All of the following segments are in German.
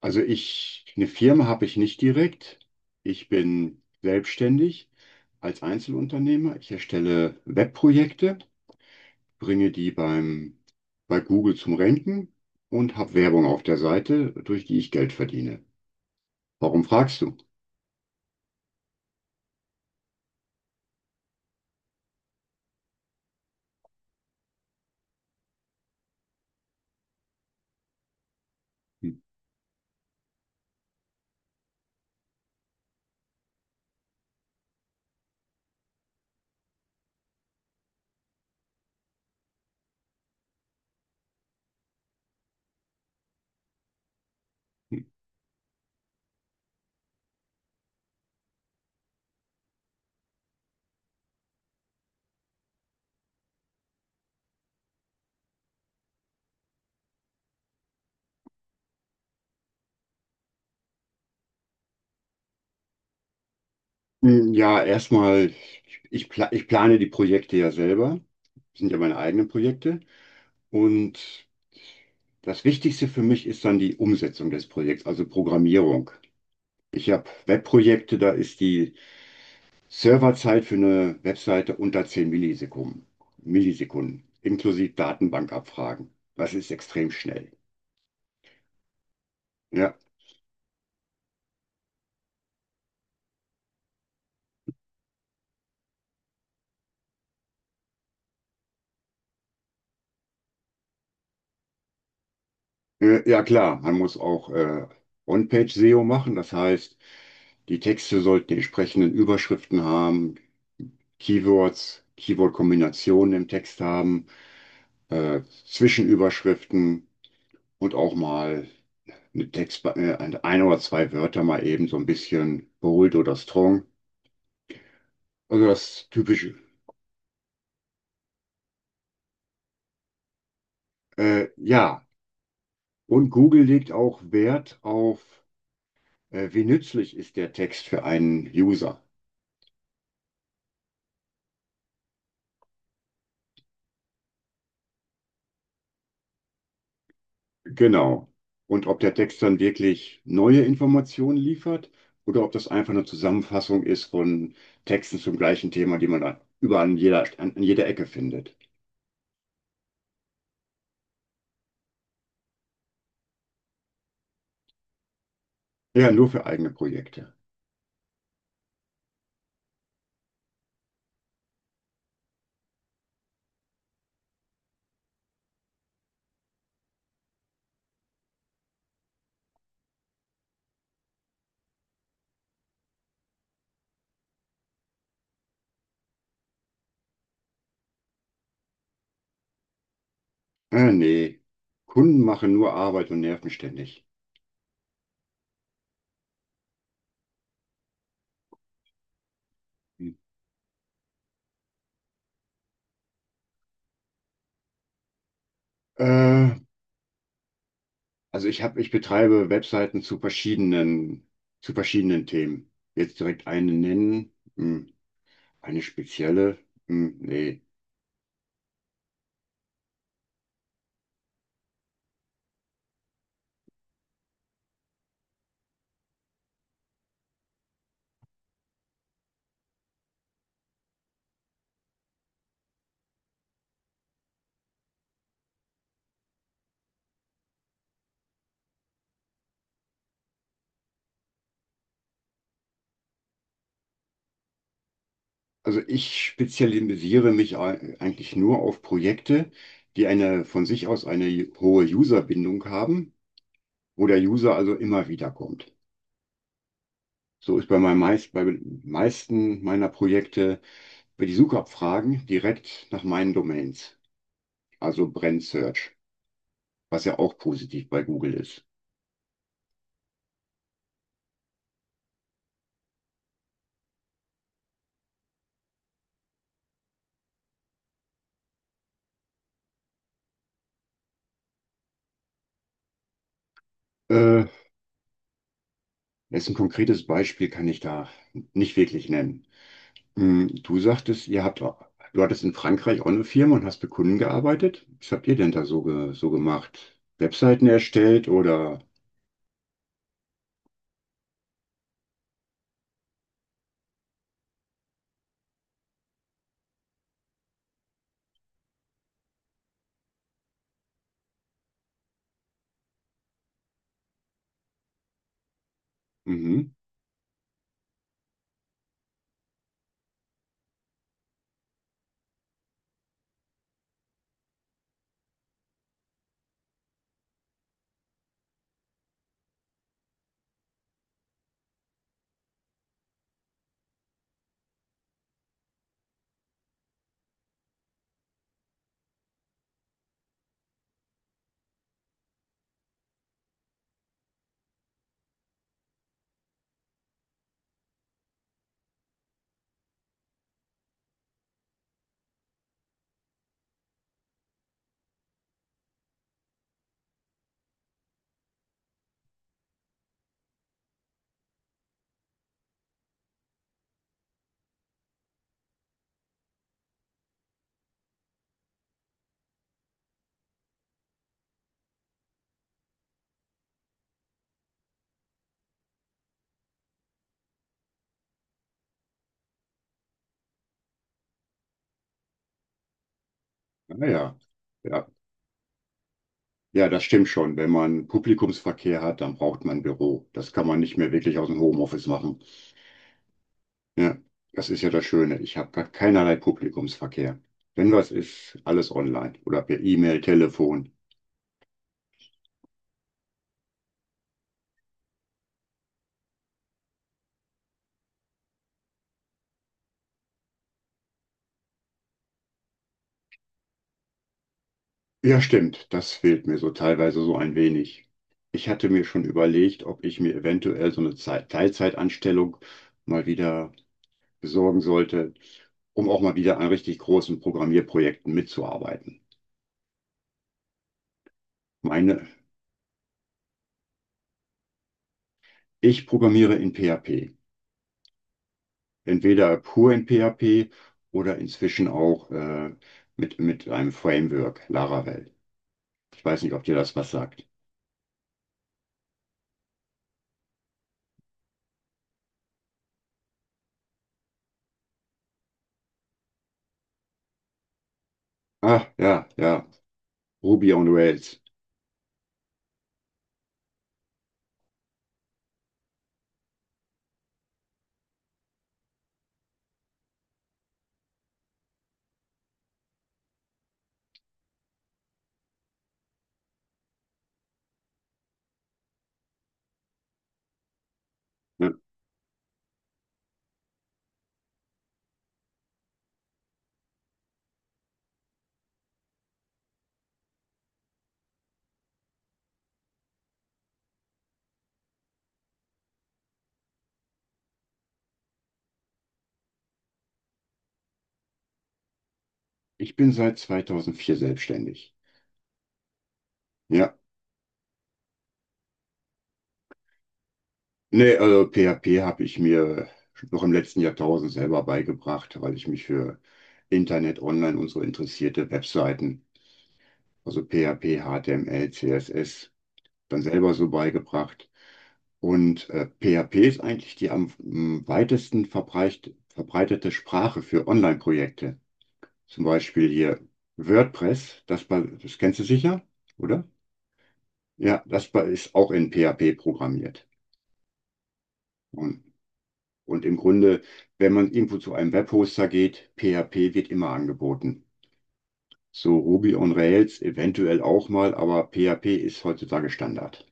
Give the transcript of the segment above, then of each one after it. Also eine Firma habe ich nicht direkt. Ich bin selbstständig als Einzelunternehmer. Ich erstelle Webprojekte, bringe die beim, bei Google zum Ranken und habe Werbung auf der Seite, durch die ich Geld verdiene. Warum fragst du? Hm, hm. Hm, ja, erstmal, ich plane die Projekte ja selber. Das sind ja meine eigenen Projekte. Und das Wichtigste für mich ist dann die Umsetzung des Projekts, also Programmierung. Ich habe Webprojekte, da ist die Serverzeit für eine Webseite unter 10 Millisekunden, inklusive Datenbankabfragen. Das ist extrem schnell. Ja, ja klar, man muss auch On-Page-SEO machen, das heißt, die Texte sollten die entsprechenden Überschriften haben, Keywords, Keyword-Kombinationen im Text haben, Zwischenüberschriften. Und auch mal mit Text ein oder zwei Wörter mal eben so ein bisschen bold oder strong. Also das typische. Ja, und Google legt auch Wert auf, wie nützlich ist der Text für einen User. Genau. Und ob der Text dann wirklich neue Informationen liefert oder ob das einfach eine Zusammenfassung ist von Texten zum gleichen Thema, die man dann überall an jeder Ecke findet. Ja, nur für eigene Projekte. Nee, Kunden machen nur Arbeit und nerven ständig. Hm. Äh, also ich habe, ich betreibe Webseiten zu verschiedenen Themen. Jetzt direkt eine nennen, hm, eine spezielle, hm, nee. Also ich spezialisiere mich eigentlich nur auf Projekte, die eine von sich aus eine hohe Userbindung haben, wo der User also immer wieder kommt. So ist bei meisten meiner Projekte für die Suchabfragen direkt nach meinen Domains, also Brand Search, was ja auch positiv bei Google ist. Äh, Jetzt ein konkretes Beispiel kann ich da nicht wirklich nennen. Du sagtest, du hattest in Frankreich auch eine Firma und hast mit Kunden gearbeitet. Was habt ihr denn da so, so gemacht? Webseiten erstellt oder? Mhm. Naja, ja. Ja, ja, das stimmt schon. Wenn man Publikumsverkehr hat, dann braucht man ein Büro. Das kann man nicht mehr wirklich aus dem Homeoffice machen. Ja, das ist ja das Schöne. Ich habe gar keinerlei Publikumsverkehr. Wenn was ist, alles online oder per E-Mail, Telefon. Ja, stimmt, das fehlt mir so teilweise so ein wenig. Ich hatte mir schon überlegt, ob ich mir eventuell so eine Teilzeitanstellung mal wieder besorgen sollte, um auch mal wieder an richtig großen Programmierprojekten mitzuarbeiten. Meine, Ich programmiere in PHP, entweder pur in PHP oder inzwischen auch mit einem Framework, Laravel. Ich weiß nicht, ob dir das was sagt. Ah, ja, ja. Ruby on Rails. Ja. Ich bin seit 2004 selbstständig. Ja. Nee, also PHP habe ich mir noch im letzten Jahrtausend selber beigebracht, weil ich mich für Internet, Online und so interessierte Webseiten, also PHP, HTML, CSS, dann selber so beigebracht. Und PHP ist eigentlich die am weitesten verbreitete Sprache für Online-Projekte. Zum Beispiel hier WordPress, das kennst du sicher, oder? Ja, das ist auch in PHP programmiert. Und, und im Grunde, wenn man irgendwo zu einem Webhoster geht, PHP wird immer angeboten. So Ruby on Rails eventuell auch mal, aber PHP ist heutzutage Standard.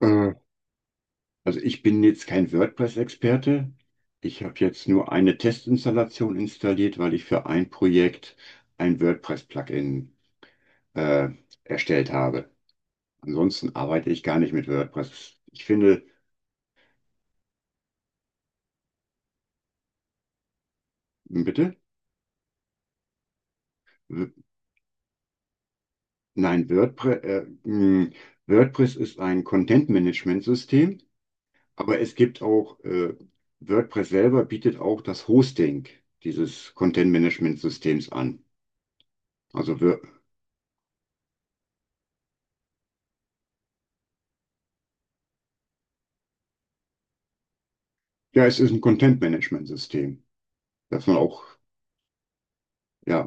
Äh, Also ich bin jetzt kein WordPress-Experte. Ich habe jetzt nur eine Testinstallation installiert, weil ich für ein Projekt ein WordPress-Plugin äh, erstellt habe. Ansonsten arbeite ich gar nicht mit WordPress. Ich finde, bitte? W- Nein, WordPress, WordPress ist ein Content-Management-System, aber es gibt auch, WordPress selber bietet auch das Hosting dieses Content-Management-Systems an. Also, ja, es ist ein Content-Management-System, dass man auch, ja,